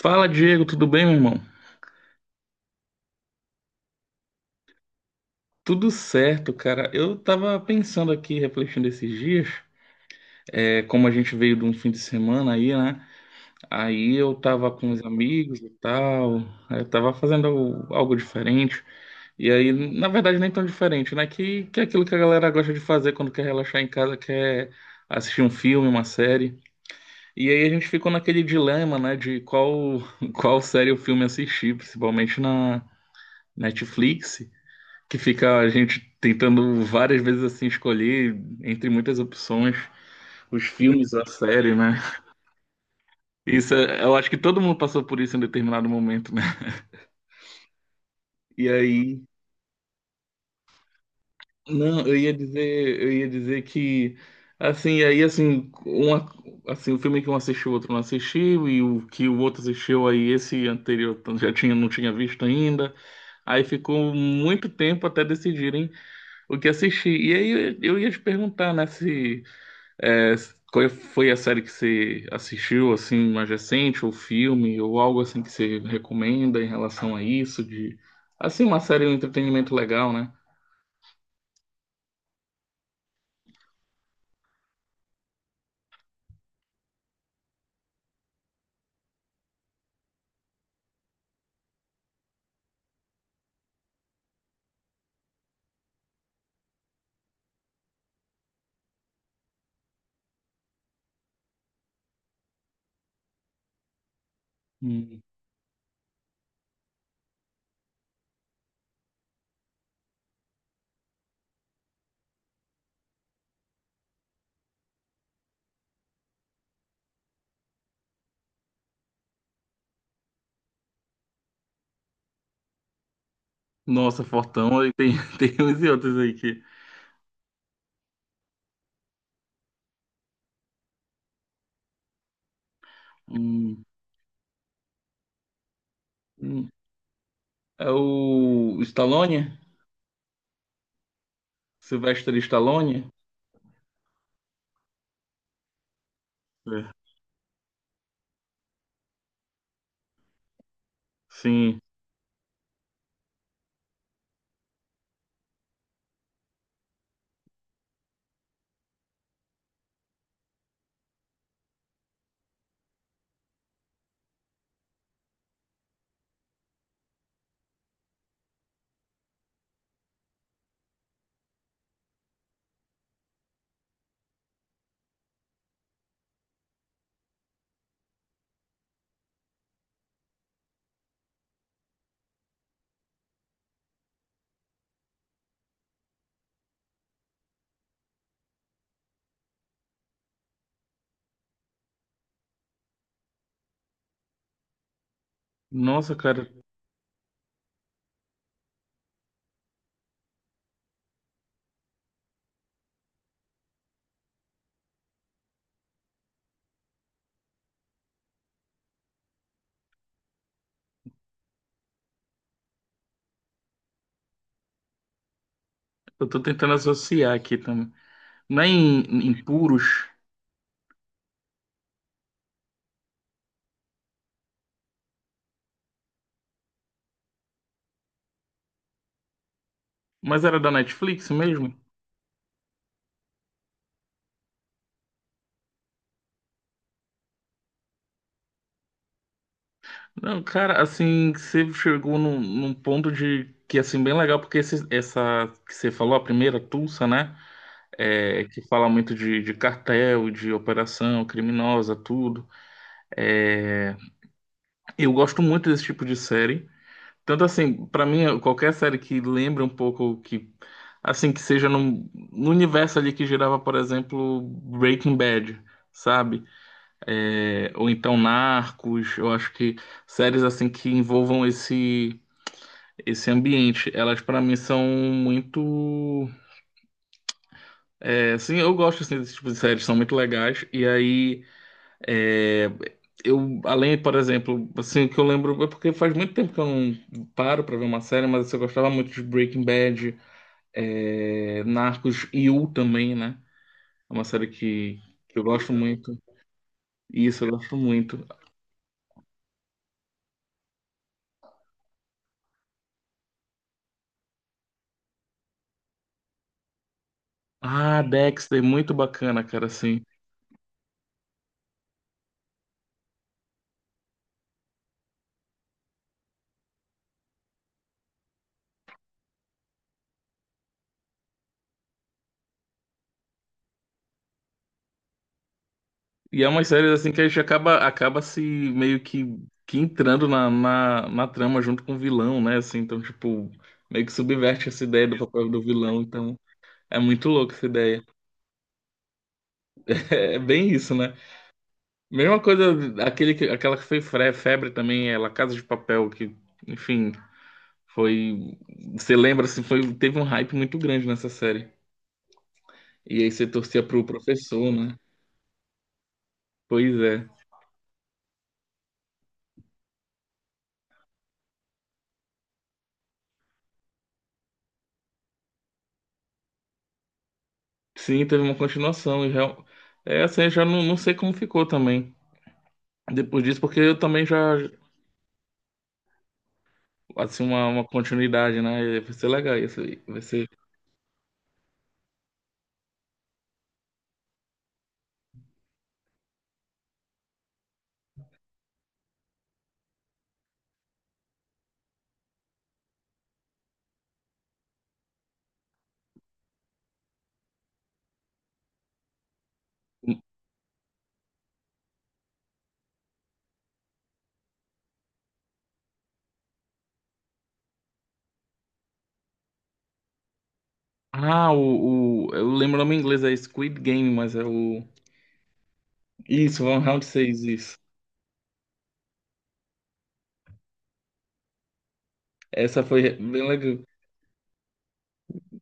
Fala, Diego, tudo bem, meu irmão? Tudo certo, cara. Eu tava pensando aqui, refletindo esses dias, como a gente veio de um fim de semana aí, né? Aí eu tava com os amigos e tal, aí eu tava fazendo algo diferente. E aí, na verdade, nem tão diferente, né? Que é aquilo que a galera gosta de fazer quando quer relaxar em casa, quer assistir um filme, uma série. E aí a gente ficou naquele dilema, né, de qual, qual série ou filme assistir, principalmente na Netflix, que fica a gente tentando várias vezes assim escolher entre muitas opções os filmes, a série, né? Isso, eu acho que todo mundo passou por isso em determinado momento, né? E aí, não, eu ia dizer que assim, e aí assim, uma, assim, o filme que um assistiu, o outro não assistiu e o que o outro assistiu aí esse anterior já tinha não tinha visto ainda. Aí ficou muito tempo até decidirem o que assistir. E aí eu ia te perguntar, né, se É, qual é, foi a série que você assistiu, assim, mais recente, ou filme, ou algo assim que você recomenda em relação a isso, de, assim, uma série, um entretenimento legal, né? Hum. Nossa, Fortão, aí tem, tem uns e outros aí que... Hum, hum. É o Stallone? Sylvester Stallone? É. Sim. Nossa, cara, eu tô tentando associar aqui também. Não é em, Puros, mas era da Netflix mesmo? Não, cara, assim, você chegou num ponto de que, assim, bem legal, porque essa que você falou, a primeira, Tulsa, né? É, que fala muito de cartel, de operação criminosa, tudo. É, eu gosto muito desse tipo de série. Tanto assim, pra mim, qualquer série que lembre um pouco que, assim, que seja no universo ali que girava, por exemplo, Breaking Bad, sabe? É, ou então Narcos, eu acho que séries assim que envolvam esse ambiente. Elas, pra mim, são muito. É, sim, eu gosto assim, desse tipo de séries, são muito legais. E aí, é, eu, além, por exemplo, assim, o que eu lembro é porque faz muito tempo que eu não paro pra ver uma série, mas assim, eu gostava muito de Breaking Bad, Narcos e You também, né? É uma série que eu gosto muito. Isso, eu gosto muito. Ah, Dexter, muito bacana, cara, assim. E é umas séries assim que a gente acaba se meio que entrando na trama junto com o vilão, né? Assim, então, tipo, meio que subverte essa ideia do papel do vilão. Então, é muito louco essa ideia. É bem isso, né? Mesma coisa, aquele, aquela que foi febre também, ela Casa de Papel, que, enfim, foi. Você lembra, assim, foi, teve um hype muito grande nessa série. E aí você torcia pro professor, né? Pois é. Sim, teve uma continuação. E é assim, eu já não sei como ficou também. Depois disso, porque eu também já, assim, uma continuidade, né? Vai ser legal isso aí. Vai ser. um, Ah, o. Eu lembro o nome em inglês, é Squid Game, mas é o. Isso, Van Round 6 isso. Essa foi bem legal.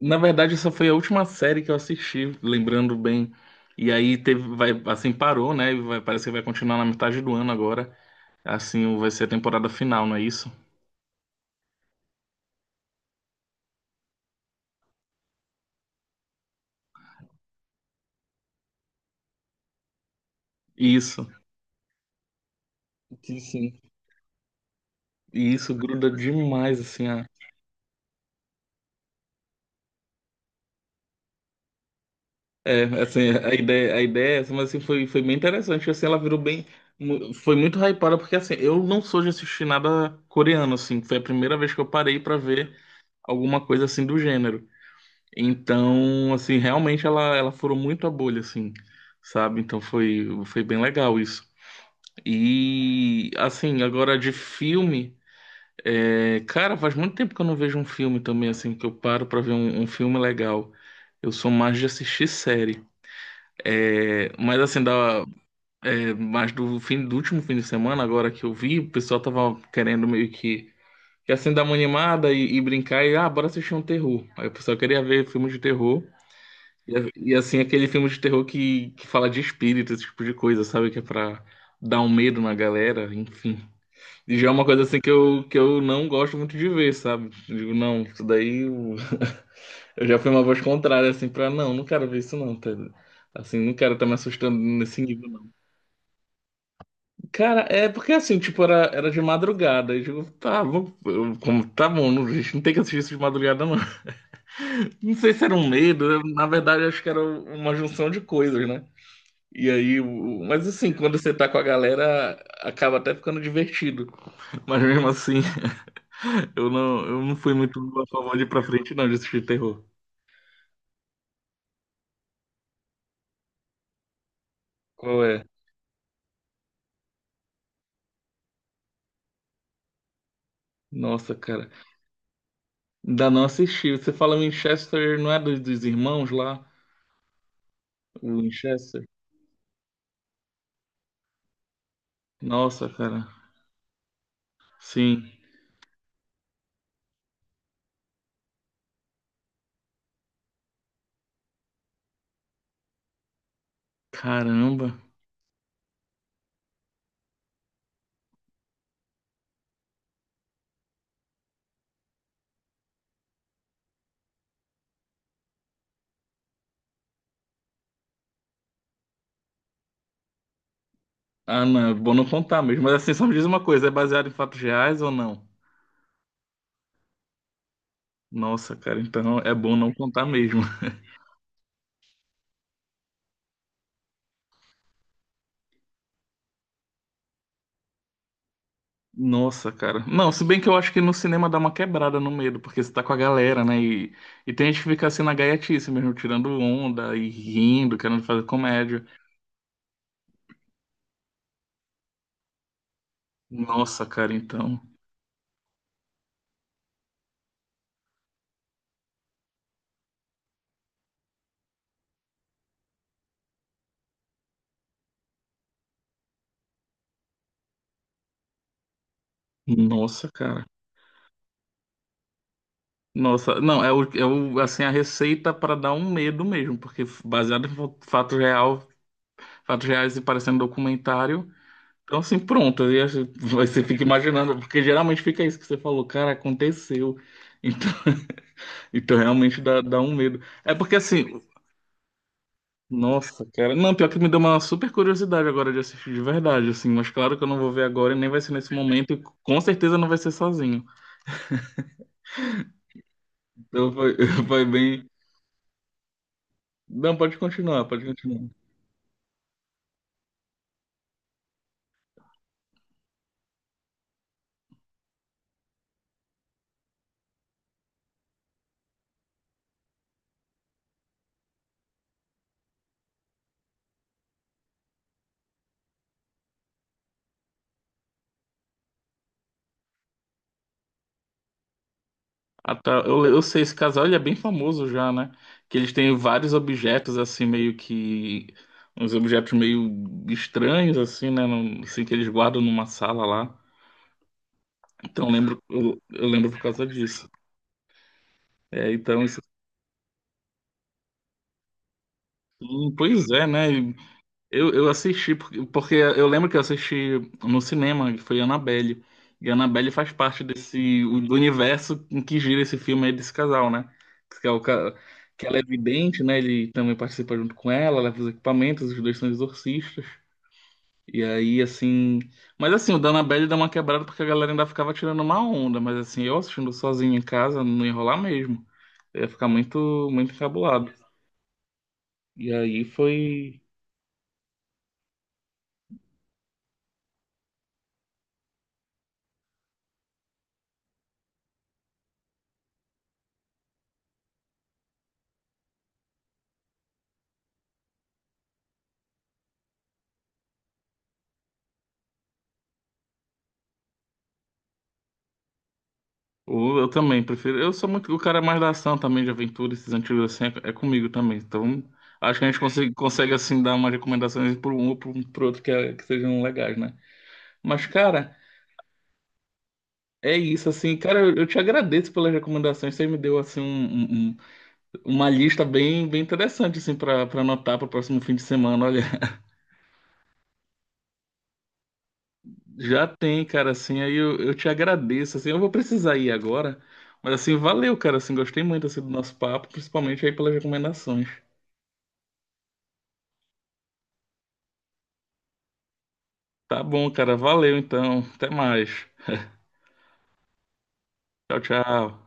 Na verdade, essa foi a última série que eu assisti, lembrando bem. E aí teve, vai, assim, parou, né? E vai, parece que vai continuar na metade do ano agora. Assim, vai ser a temporada final, não é isso? Isso. Sim, sim. E isso gruda demais, assim. É, assim, a ideia, é essa, mas assim, foi bem interessante, assim, ela virou bem, foi muito hypada, porque assim, eu não sou de assistir nada coreano, assim, foi a primeira vez que eu parei pra ver alguma coisa assim do gênero. Então, assim, realmente ela furou muito a bolha, assim, sabe? Então foi bem legal isso. E, assim, agora de filme, cara, faz muito tempo que eu não vejo um filme também, assim, que eu paro pra ver um filme legal. Eu sou mais de assistir série. Mas assim, da, mas do fim do último fim de semana, agora que eu vi, o pessoal tava querendo meio que assim dar uma animada e brincar e ah, bora assistir um terror. Aí o pessoal queria ver filmes de terror. E, assim, aquele filme de terror que fala de espírito, esse tipo de coisa, sabe? Que é pra dar um medo na galera, enfim. E já é uma coisa assim que eu não gosto muito de ver, sabe? Eu digo, não, isso daí eu já fui uma voz contrária, assim, pra não quero ver isso não, tá? Assim, não quero estar me assustando nesse nível. Cara, é porque assim, tipo, era de madrugada. Eu digo, tá, vou, como, tá bom, a gente não tem que assistir isso de madrugada, não. Não sei se era um medo, na verdade, acho que era uma junção de coisas, né? E aí, mas assim, quando você tá com a galera, acaba até ficando divertido. Mas mesmo assim, eu não fui muito a favor de ir pra frente, não, de assistir terror. Qual é? Nossa, cara, ainda não assisti. Você fala Winchester, não é dos irmãos lá? O Winchester? Nossa, cara, sim. Caramba. Ah, não, é bom não contar mesmo. Mas assim, só me diz uma coisa, é baseado em fatos reais ou não? Nossa, cara, então é bom não contar mesmo. Nossa, cara. Não, se bem que eu acho que no cinema dá uma quebrada no medo, porque você tá com a galera, né? E, tem gente que fica assim na gaiatice mesmo, tirando onda e rindo, querendo fazer comédia. Nossa, cara, então. Nossa, cara. Nossa, não, é o, assim, a receita para dar um medo mesmo, porque baseado em fato real, fatos reais e parecendo documentário. Então, assim, pronto. Aí você fica imaginando, porque geralmente fica isso que você falou, cara, aconteceu. Então, então realmente dá um medo. É porque, assim, nossa, cara. Não, pior que me deu uma super curiosidade agora de assistir de verdade, assim. Mas claro que eu não vou ver agora e nem vai ser nesse momento. E com certeza não vai ser sozinho. Então, foi, foi bem. Não, pode continuar, pode continuar. Ah, tá. Eu sei, esse casal ele é bem famoso já, né? Que eles têm vários objetos, assim, meio que. Uns objetos meio estranhos, assim, né? Assim, que eles guardam numa sala lá. Então, eu lembro, eu lembro por causa disso. É, então, isso. Pois é, né? Eu assisti, porque eu lembro que eu assisti no cinema, que foi Annabelle. E Annabelle faz parte desse, do universo em que gira esse filme aí desse casal, né? Que, é o, que ela é vidente, né? Ele também participa junto com ela, leva os equipamentos, os dois são exorcistas. E aí, assim. Mas assim, o da Annabelle dá uma quebrada porque a galera ainda ficava tirando uma onda. Mas assim, eu assistindo sozinho em casa, não ia rolar mesmo. Eu ia ficar muito, muito encabulado. E aí foi. Eu também prefiro. Eu sou muito o cara é mais da ação também, de aventura, esses antigos assim, é comigo também. Então, acho que a gente consegue assim, dar umas recomendações por um ou por outro que, que sejam legais, né? Mas, cara, é isso, assim, cara, eu te agradeço pelas recomendações. Você me deu, assim, um- um- uma lista bem, bem interessante, assim, pra anotar pro próximo fim de semana. Olha, já tem, cara, assim, aí eu te agradeço, assim, eu vou precisar ir agora. Mas, assim, valeu, cara, assim, gostei muito, assim, do nosso papo, principalmente aí pelas recomendações. Tá bom, cara. Valeu então. Até mais. Tchau, tchau.